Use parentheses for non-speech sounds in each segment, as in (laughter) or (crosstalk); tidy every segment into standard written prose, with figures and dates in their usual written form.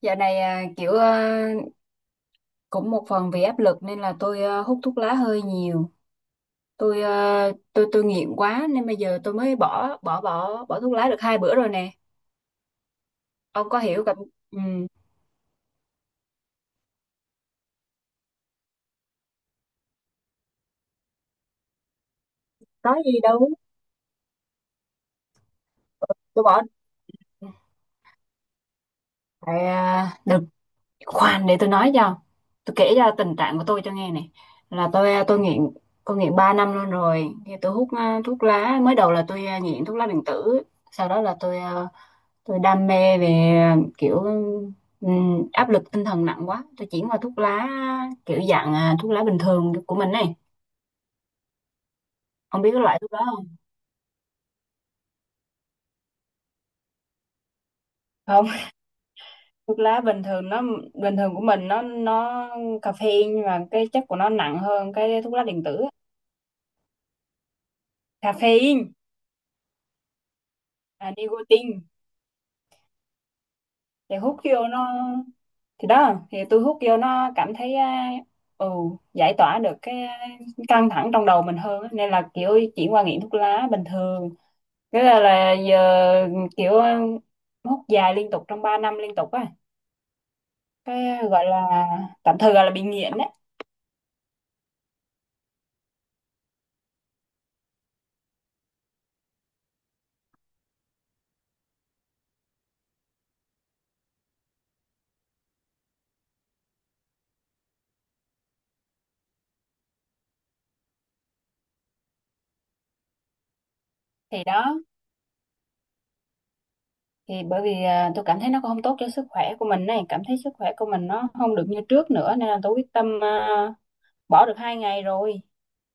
Dạo này kiểu cũng một phần vì áp lực nên là tôi hút thuốc lá hơi nhiều. Tôi à, tôi tôi nghiện quá nên bây giờ tôi mới bỏ bỏ bỏ bỏ thuốc lá được hai bữa rồi nè. Ông có hiểu cảm, ừ, có gì đâu. Tôi bỏ tại được, khoan để tôi nói cho. Tôi kể ra tình trạng của tôi cho nghe này. Là tôi tôi nghiện 3 năm luôn rồi. Thì tôi hút thuốc lá, mới đầu là tôi nghiện thuốc lá điện tử. Sau đó là tôi đam mê về kiểu, áp lực tinh thần nặng quá, tôi chuyển qua thuốc lá kiểu dạng thuốc lá bình thường của mình này. Ông biết cái loại thuốc đó không? Không. (laughs) Thuốc lá bình thường nó, bình thường của mình nó caffeine, nhưng mà cái chất của nó nặng hơn cái thuốc lá điện tử á. Caffeine, à, nicotine. thì hút vô nó thì đó, thì tôi hút vô nó cảm thấy ừ, giải tỏa được cái căng thẳng trong đầu mình hơn á. Nên là kiểu chuyển qua nghiện thuốc lá bình thường. Thế là giờ kiểu hút dài liên tục trong 3 năm liên tục á, cái gọi là, tạm thời gọi là bị nghiện đấy. Thì đó, thì bởi vì tôi cảm thấy nó cũng không tốt cho sức khỏe của mình này, cảm thấy sức khỏe của mình nó không được như trước nữa, nên là tôi quyết tâm bỏ được hai ngày rồi,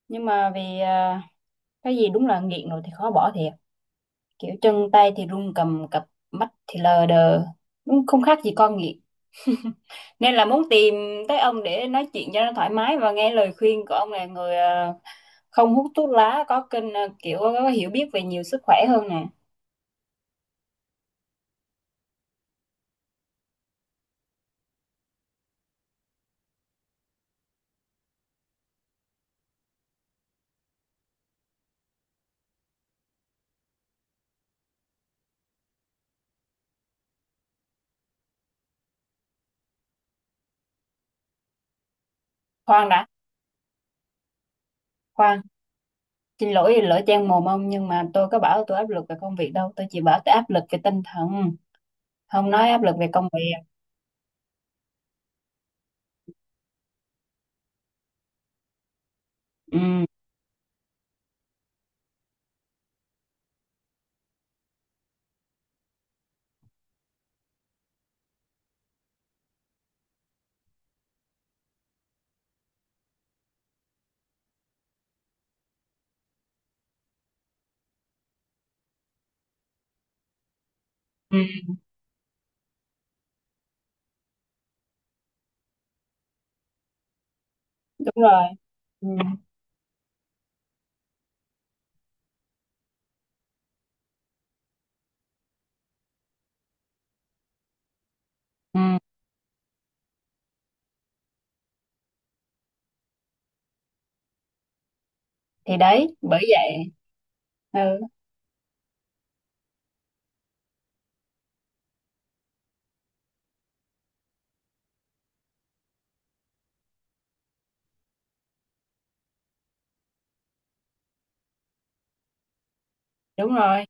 nhưng mà vì cái gì đúng là nghiện rồi thì khó bỏ thiệt. Kiểu chân tay thì run cầm cập, mắt thì lờ đờ, đúng không khác gì con nghiện. Nên là muốn tìm tới ông để nói chuyện cho nó thoải mái và nghe lời khuyên của ông, là người không hút thuốc lá, có kênh kiểu có hiểu biết về nhiều sức khỏe hơn nè. Khoan đã, khoan, xin lỗi lỡ trang mồm ông, nhưng mà tôi có bảo tôi áp lực về công việc đâu, tôi chỉ bảo tôi áp lực về tinh thần. Không nói áp lực về công việc. Ừ, ừ, đúng rồi. Ừ, ừ. Thì đấy bởi vậy. Ừ, đúng rồi.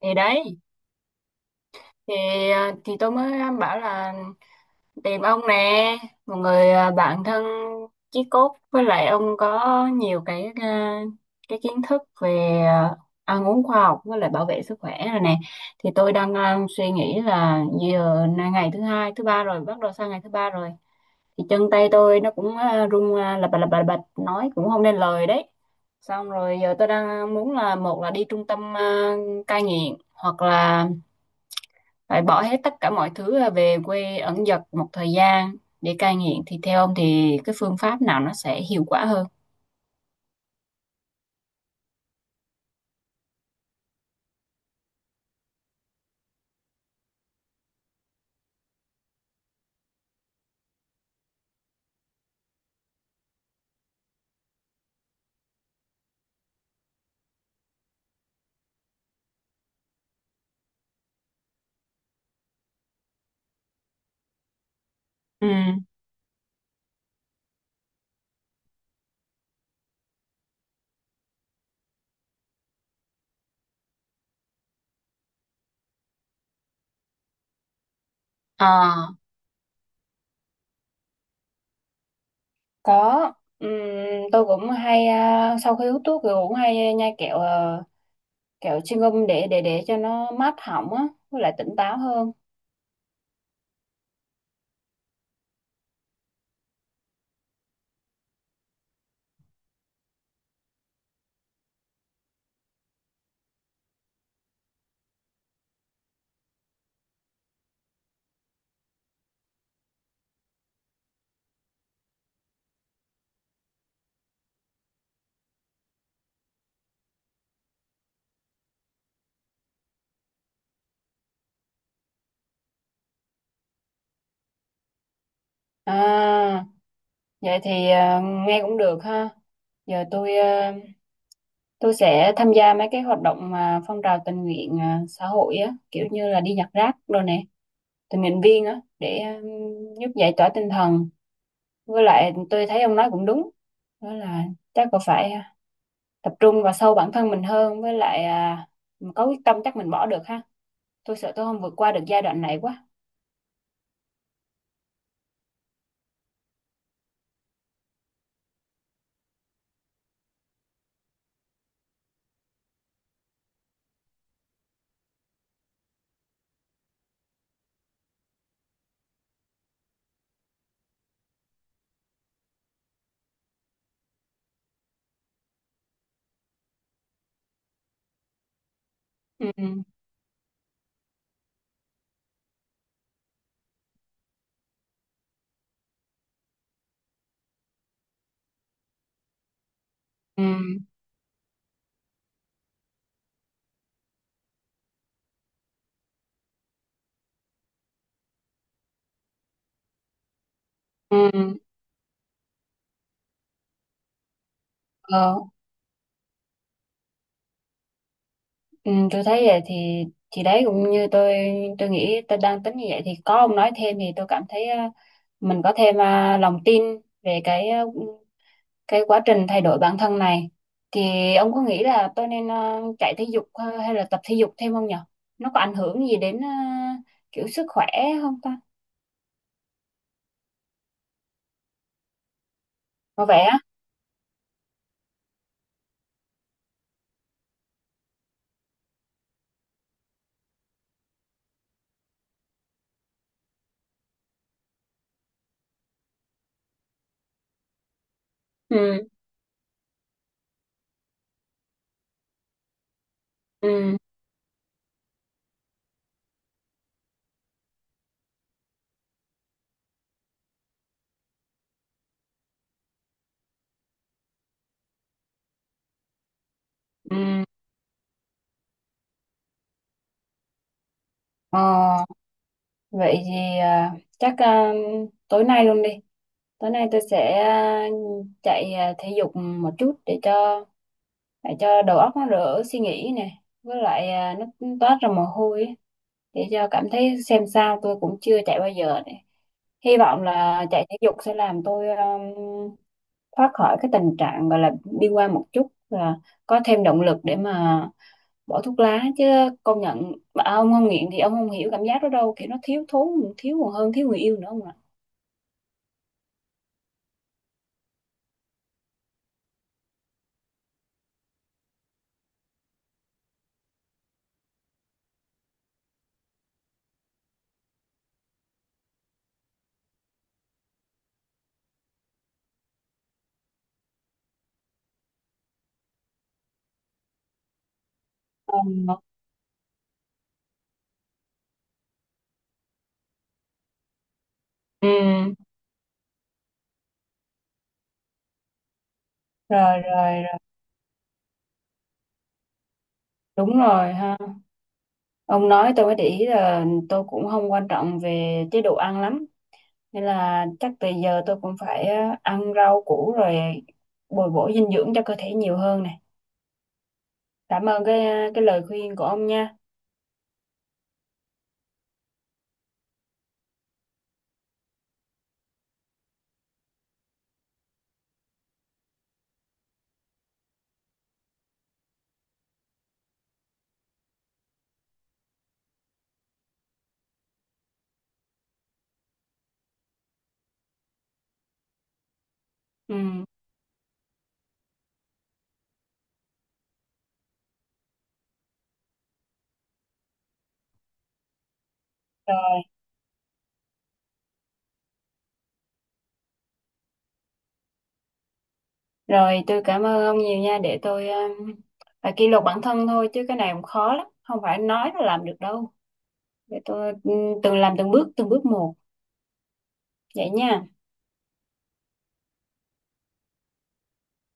Thì đấy, thì thì tôi mới bảo là tìm ông nè, một người bạn thân chí cốt, với lại ông có nhiều cái kiến thức về ăn uống khoa học với lại bảo vệ sức khỏe rồi nè. Thì tôi đang suy nghĩ là giờ là ngày thứ hai, thứ ba rồi, bắt đầu sang ngày thứ ba rồi, thì chân tay tôi nó cũng run lập bập lập bập lập bập, nói cũng không nên lời đấy. Xong rồi giờ tôi đang muốn là, một là đi trung tâm cai nghiện, hoặc là phải bỏ hết tất cả mọi thứ là về quê ẩn dật một thời gian để cai nghiện. Thì theo ông thì cái phương pháp nào nó sẽ hiệu quả hơn? Ừ, à, có. Ừm, tôi cũng hay sau khi hút thuốc thì cũng hay nhai kẹo kẹo chewing gum để cho nó mát họng á với lại tỉnh táo hơn. À, vậy thì nghe cũng được ha. Giờ tôi sẽ tham gia mấy cái hoạt động mà phong trào tình nguyện xã hội á, kiểu như là đi nhặt rác đồ nè, tình nguyện viên á, để giúp giải tỏa tinh thần. Với lại tôi thấy ông nói cũng đúng, đó là chắc là phải tập trung vào sâu bản thân mình hơn, với lại có quyết tâm chắc mình bỏ được ha. Tôi sợ tôi không vượt qua được giai đoạn này quá. Ừ, ừ, ừ, ờ. Ừ, tôi thấy vậy thì đấy cũng như tôi. Tôi nghĩ tôi đang tính như vậy, thì có ông nói thêm thì tôi cảm thấy mình có thêm lòng tin về cái quá trình thay đổi bản thân này. Thì ông có nghĩ là tôi nên chạy thể dục hay là tập thể dục thêm không nhở? Nó có ảnh hưởng gì đến kiểu sức khỏe không ta? Có vẻ á. Ừ, ừ, ừ. ờ, Vậy thì chắc tối nay luôn đi. Tối nay tôi sẽ chạy thể dục một chút, để cho đầu óc nó đỡ suy nghĩ nè, với lại nó toát ra mồ hôi ấy. Để cho cảm thấy xem sao, tôi cũng chưa chạy bao giờ này. Hy vọng là chạy thể dục sẽ làm tôi thoát khỏi cái tình trạng gọi là bi quan một chút và có thêm động lực để mà bỏ thuốc lá chứ. Công nhận, mà ông không nghiện thì ông không hiểu cảm giác đó đâu, kiểu nó thiếu thốn, thiếu còn hơn thiếu người yêu nữa ông ạ. Ờ. Ừ. Rồi, rồi, rồi, đúng rồi ha. Ông nói tôi mới để ý là tôi cũng không quan trọng về chế độ ăn lắm. Nên là chắc từ giờ tôi cũng phải ăn rau củ, rồi bồi bổ dinh dưỡng cho cơ thể nhiều hơn này. Cảm ơn cái lời khuyên của ông nha. Ừ. Rồi, rồi tôi cảm ơn ông nhiều nha, để tôi phải kỷ luật bản thân thôi chứ cái này cũng khó lắm, không phải nói là làm được đâu. Để tôi, ừ, từng làm từng bước, từng bước một vậy nha.